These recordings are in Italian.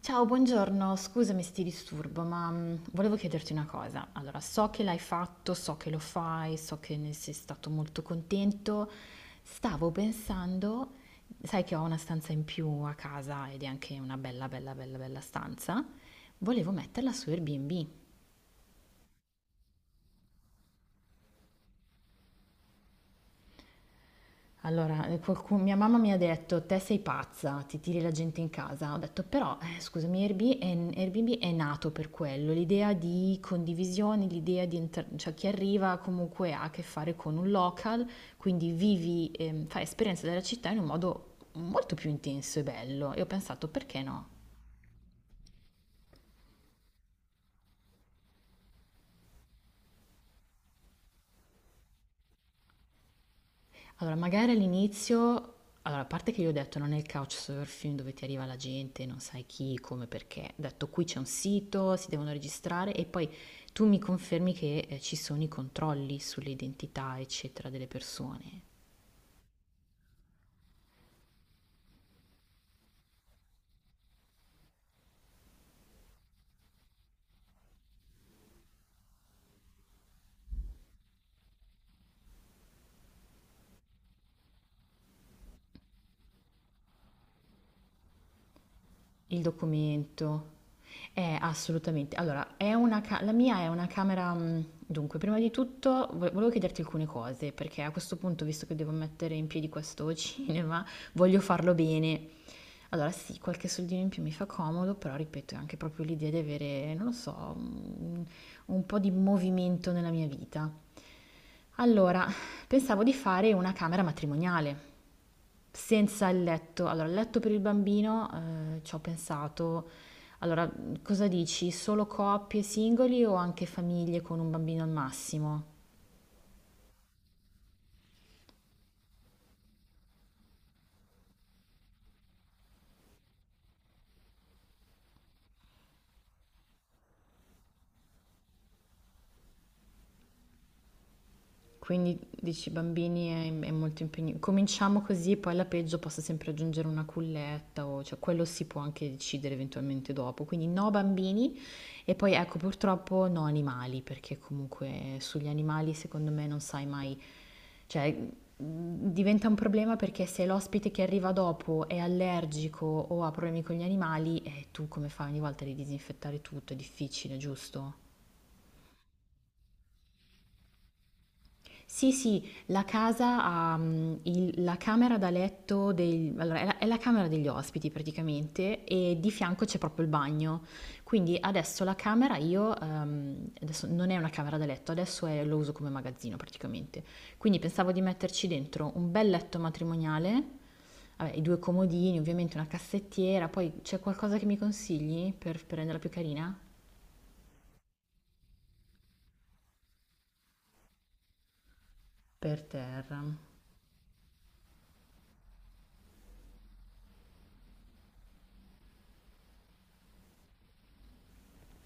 Ciao, buongiorno, scusami se ti disturbo, ma volevo chiederti una cosa. Allora, so che l'hai fatto, so che lo fai, so che ne sei stato molto contento. Stavo pensando, sai che ho una stanza in più a casa ed è anche una bella, bella, bella, bella stanza. Volevo metterla su Airbnb. Allora, mia mamma mi ha detto: Te sei pazza, ti tiri la gente in casa. Ho detto, però, scusami, Airbnb è nato per quello, l'idea di condivisione, cioè chi arriva comunque ha a che fare con un local, quindi vivi, fai esperienza della città in un modo molto più intenso e bello. E ho pensato, perché no? Allora, magari all'inizio, allora, a parte che io ho detto non è il couchsurfing dove ti arriva la gente, non sai chi, come, perché. Ho detto qui c'è un sito, si devono registrare e poi tu mi confermi che ci sono i controlli sull'identità, eccetera, delle persone. Il documento. Assolutamente. Allora, la mia è una camera... dunque, prima di tutto volevo chiederti alcune cose, perché a questo punto, visto che devo mettere in piedi questo cinema, voglio farlo bene. Allora, sì, qualche soldino in più mi fa comodo, però ripeto, è anche proprio l'idea di avere, non lo so, un po' di movimento nella mia vita. Allora, pensavo di fare una camera matrimoniale senza il letto. Allora, il letto per il bambino, ci ho pensato. Allora, cosa dici? Solo coppie, singoli o anche famiglie con un bambino al massimo? Quindi dici è molto impegnativo. Cominciamo così e poi alla peggio posso sempre aggiungere una culletta o cioè quello si può anche decidere eventualmente dopo. Quindi no bambini e poi ecco purtroppo no animali perché comunque sugli animali secondo me non sai mai, cioè diventa un problema perché se l'ospite che arriva dopo è allergico o ha problemi con gli animali, tu come fai ogni volta di disinfettare tutto? È difficile, giusto? Sì, sì, la casa ha la camera da letto, allora, è la camera degli ospiti praticamente e di fianco c'è proprio il bagno. Quindi adesso la camera io, adesso non è una camera da letto, lo uso come magazzino praticamente. Quindi pensavo di metterci dentro un bel letto matrimoniale, vabbè, i due comodini, ovviamente una cassettiera, poi c'è qualcosa che mi consigli per renderla più carina? Per terra.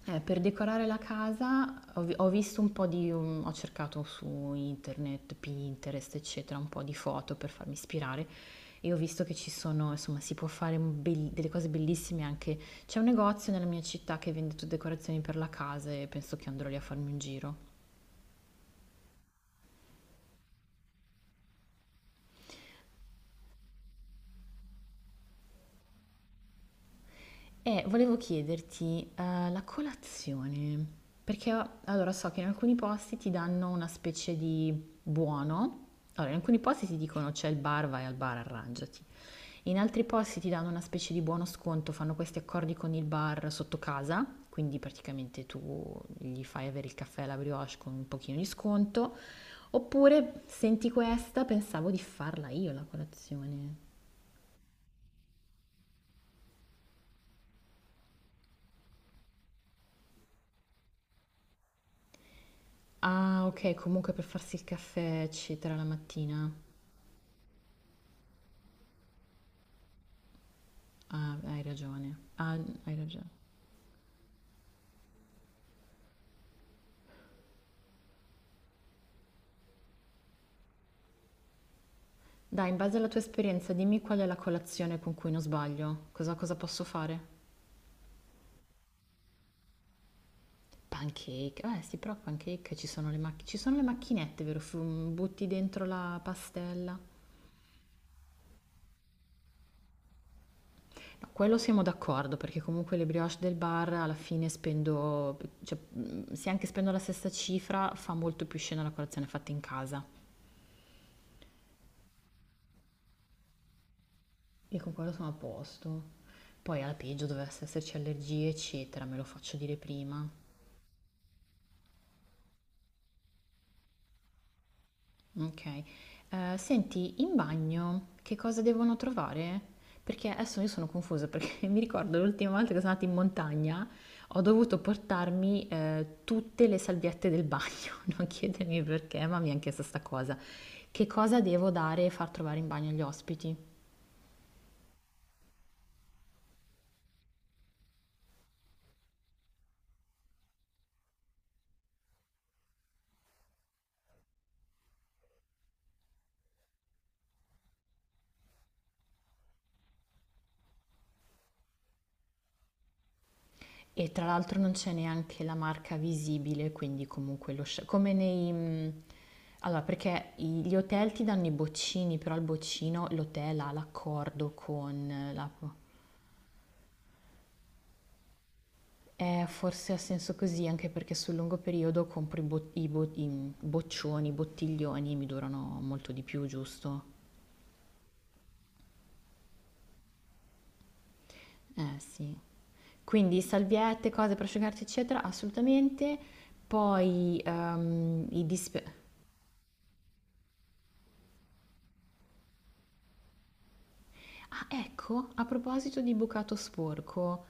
Per decorare la casa ho visto un po' di, ho cercato su internet, Pinterest, eccetera, un po' di foto per farmi ispirare e ho visto che ci sono, insomma, si può fare un bel- delle cose bellissime anche. C'è un negozio nella mia città che vende tutte decorazioni per la casa e penso che andrò lì a farmi un giro. E volevo chiederti, la colazione, perché allora so che in alcuni posti ti danno una specie di buono, allora in alcuni posti ti dicono c'è il bar, vai al bar, arrangiati, in altri posti ti danno una specie di buono sconto, fanno questi accordi con il bar sotto casa, quindi praticamente tu gli fai avere il caffè e la brioche con un pochino di sconto, oppure senti questa, pensavo di farla io la colazione. Ah, ok, comunque per farsi il caffè, eccetera, la mattina. Ah, hai ragione. Ah, hai ragione. Dai, in base alla tua esperienza, dimmi qual è la colazione con cui non sbaglio. Cosa, cosa posso fare? Pancake. Eh sì, però pancake ci sono le macchinette. Ci sono le macchinette, vero? Butti dentro la pastella. No, quello siamo d'accordo, perché comunque le brioche del bar alla fine spendo, cioè, se anche spendo la stessa cifra, fa molto più scena la colazione fatta in casa. E con quello sono a posto. Poi alla peggio dovesse esserci allergie, eccetera, me lo faccio dire prima. Ok. Senti, in bagno che cosa devono trovare? Perché adesso io sono confusa perché mi ricordo l'ultima volta che sono andata in montagna ho dovuto portarmi tutte le salviette del bagno, non chiedermi perché, ma mi è anche stessa cosa. Che cosa devo dare e far trovare in bagno agli ospiti? E tra l'altro non c'è neanche la marca visibile, quindi comunque come nei allora, gli hotel ti danno i boccini, però il boccino l'hotel ha l'accordo con la forse ha senso così, anche perché sul lungo periodo compro i boccioni, i bottiglioni, mi durano molto di più, giusto? Eh sì. Quindi salviette, cose per asciugarsi, eccetera, assolutamente. Poi ah, ecco, a proposito di bucato sporco,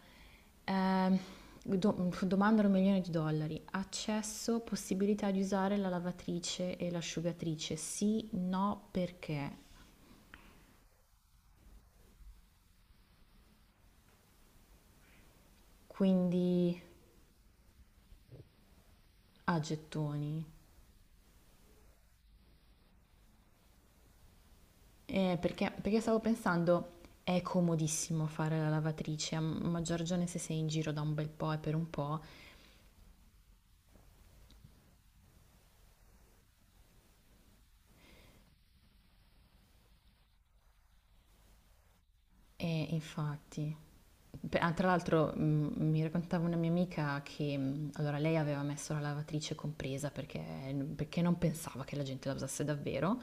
ehm, domandano un milione di dollari. Accesso, possibilità di usare la lavatrice e l'asciugatrice? Sì, no, perché? Quindi a gettoni. Perché, perché stavo pensando, è comodissimo fare la lavatrice, a maggior ragione se sei in giro da un bel po' e per un po'. E infatti. Beh, ah, tra l'altro mi raccontava una mia amica che allora lei aveva messo la lavatrice compresa perché, perché non pensava che la gente la usasse davvero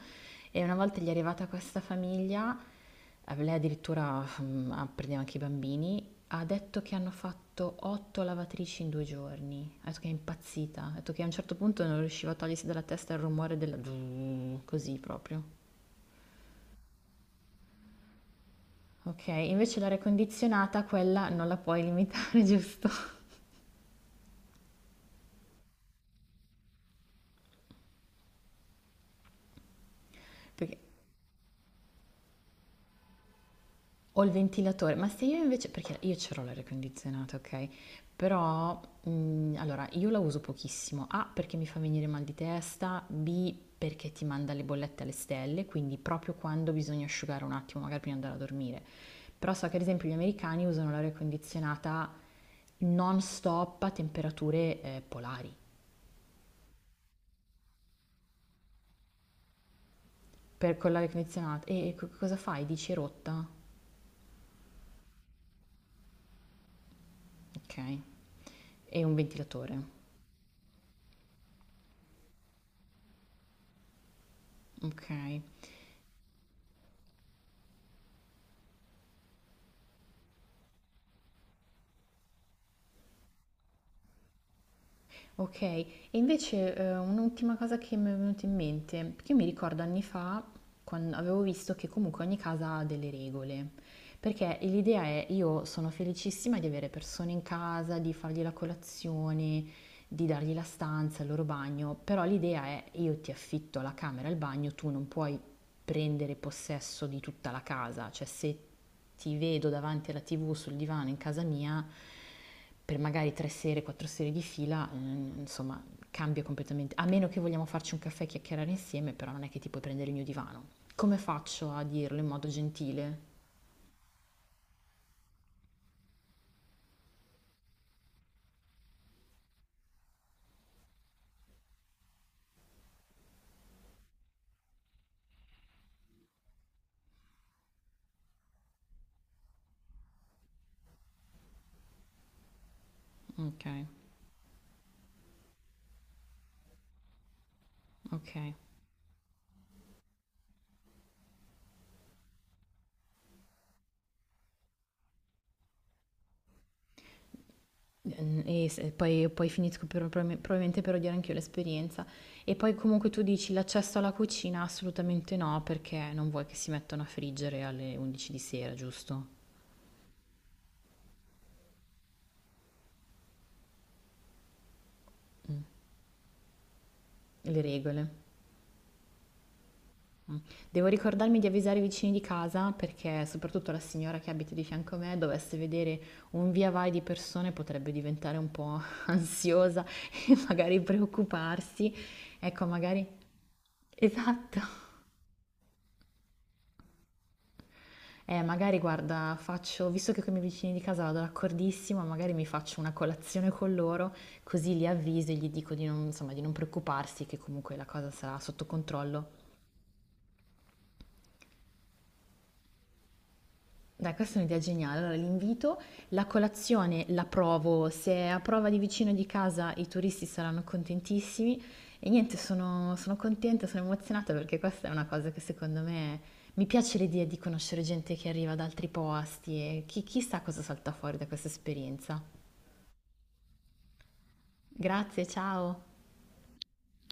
e una volta gli è arrivata questa famiglia, lei addirittura prendeva anche i bambini, ha detto che hanno fatto 8 lavatrici in 2 giorni, ha detto che è impazzita, ha detto che a un certo punto non riusciva a togliersi dalla testa il rumore della... così proprio. Ok, invece l'aria condizionata quella non la puoi limitare, giusto? Perché ho il ventilatore, ma se io invece, perché io c'ho l'aria condizionata, ok? Però, allora, io la uso pochissimo. A, perché mi fa venire mal di testa, B, perché ti manda le bollette alle stelle, quindi proprio quando bisogna asciugare un attimo, magari prima di andare a dormire. Però so che ad esempio gli americani usano l'aria condizionata non stop a temperature polari. Per con l'aria condizionata. E cosa fai? Dici è rotta? Ok. E un ventilatore. Ok. Ok, e invece un'ultima cosa che mi è venuta in mente, perché io mi ricordo anni fa quando avevo visto che comunque ogni casa ha delle regole, perché l'idea è io sono felicissima di avere persone in casa, di fargli la colazione, di dargli la stanza, il loro bagno, però l'idea è io ti affitto la camera e il bagno, tu non puoi prendere possesso di tutta la casa, cioè se ti vedo davanti alla TV sul divano in casa mia per magari 3 sere, 4 sere di fila, insomma, cambia completamente. A meno che vogliamo farci un caffè e chiacchierare insieme, però non è che ti puoi prendere il mio divano. Come faccio a dirlo in modo gentile? Ok, ok. Poi finisco probabilmente per odiare anch'io l'esperienza. E poi comunque tu dici l'accesso alla cucina? Assolutamente no, perché non vuoi che si mettano a friggere alle 11 di sera, giusto? Le regole. Devo ricordarmi di avvisare i vicini di casa perché soprattutto la signora che abita di fianco a me dovesse vedere un via vai di persone potrebbe diventare un po' ansiosa e magari preoccuparsi. Ecco, magari... Esatto. Magari guarda, faccio, visto che con i miei vicini di casa vado d'accordissimo, magari mi faccio una colazione con loro, così li avviso e gli dico di non, insomma, di non preoccuparsi, che comunque la cosa sarà sotto controllo. Dai, questa è un'idea geniale. Allora, l'invito, la colazione la provo, se è a prova di vicino di casa i turisti saranno contentissimi e niente, sono contenta, sono emozionata perché questa è una cosa che secondo me mi piace l'idea di conoscere gente che arriva da altri posti e chi, chissà cosa salta fuori da questa esperienza. Grazie, ciao.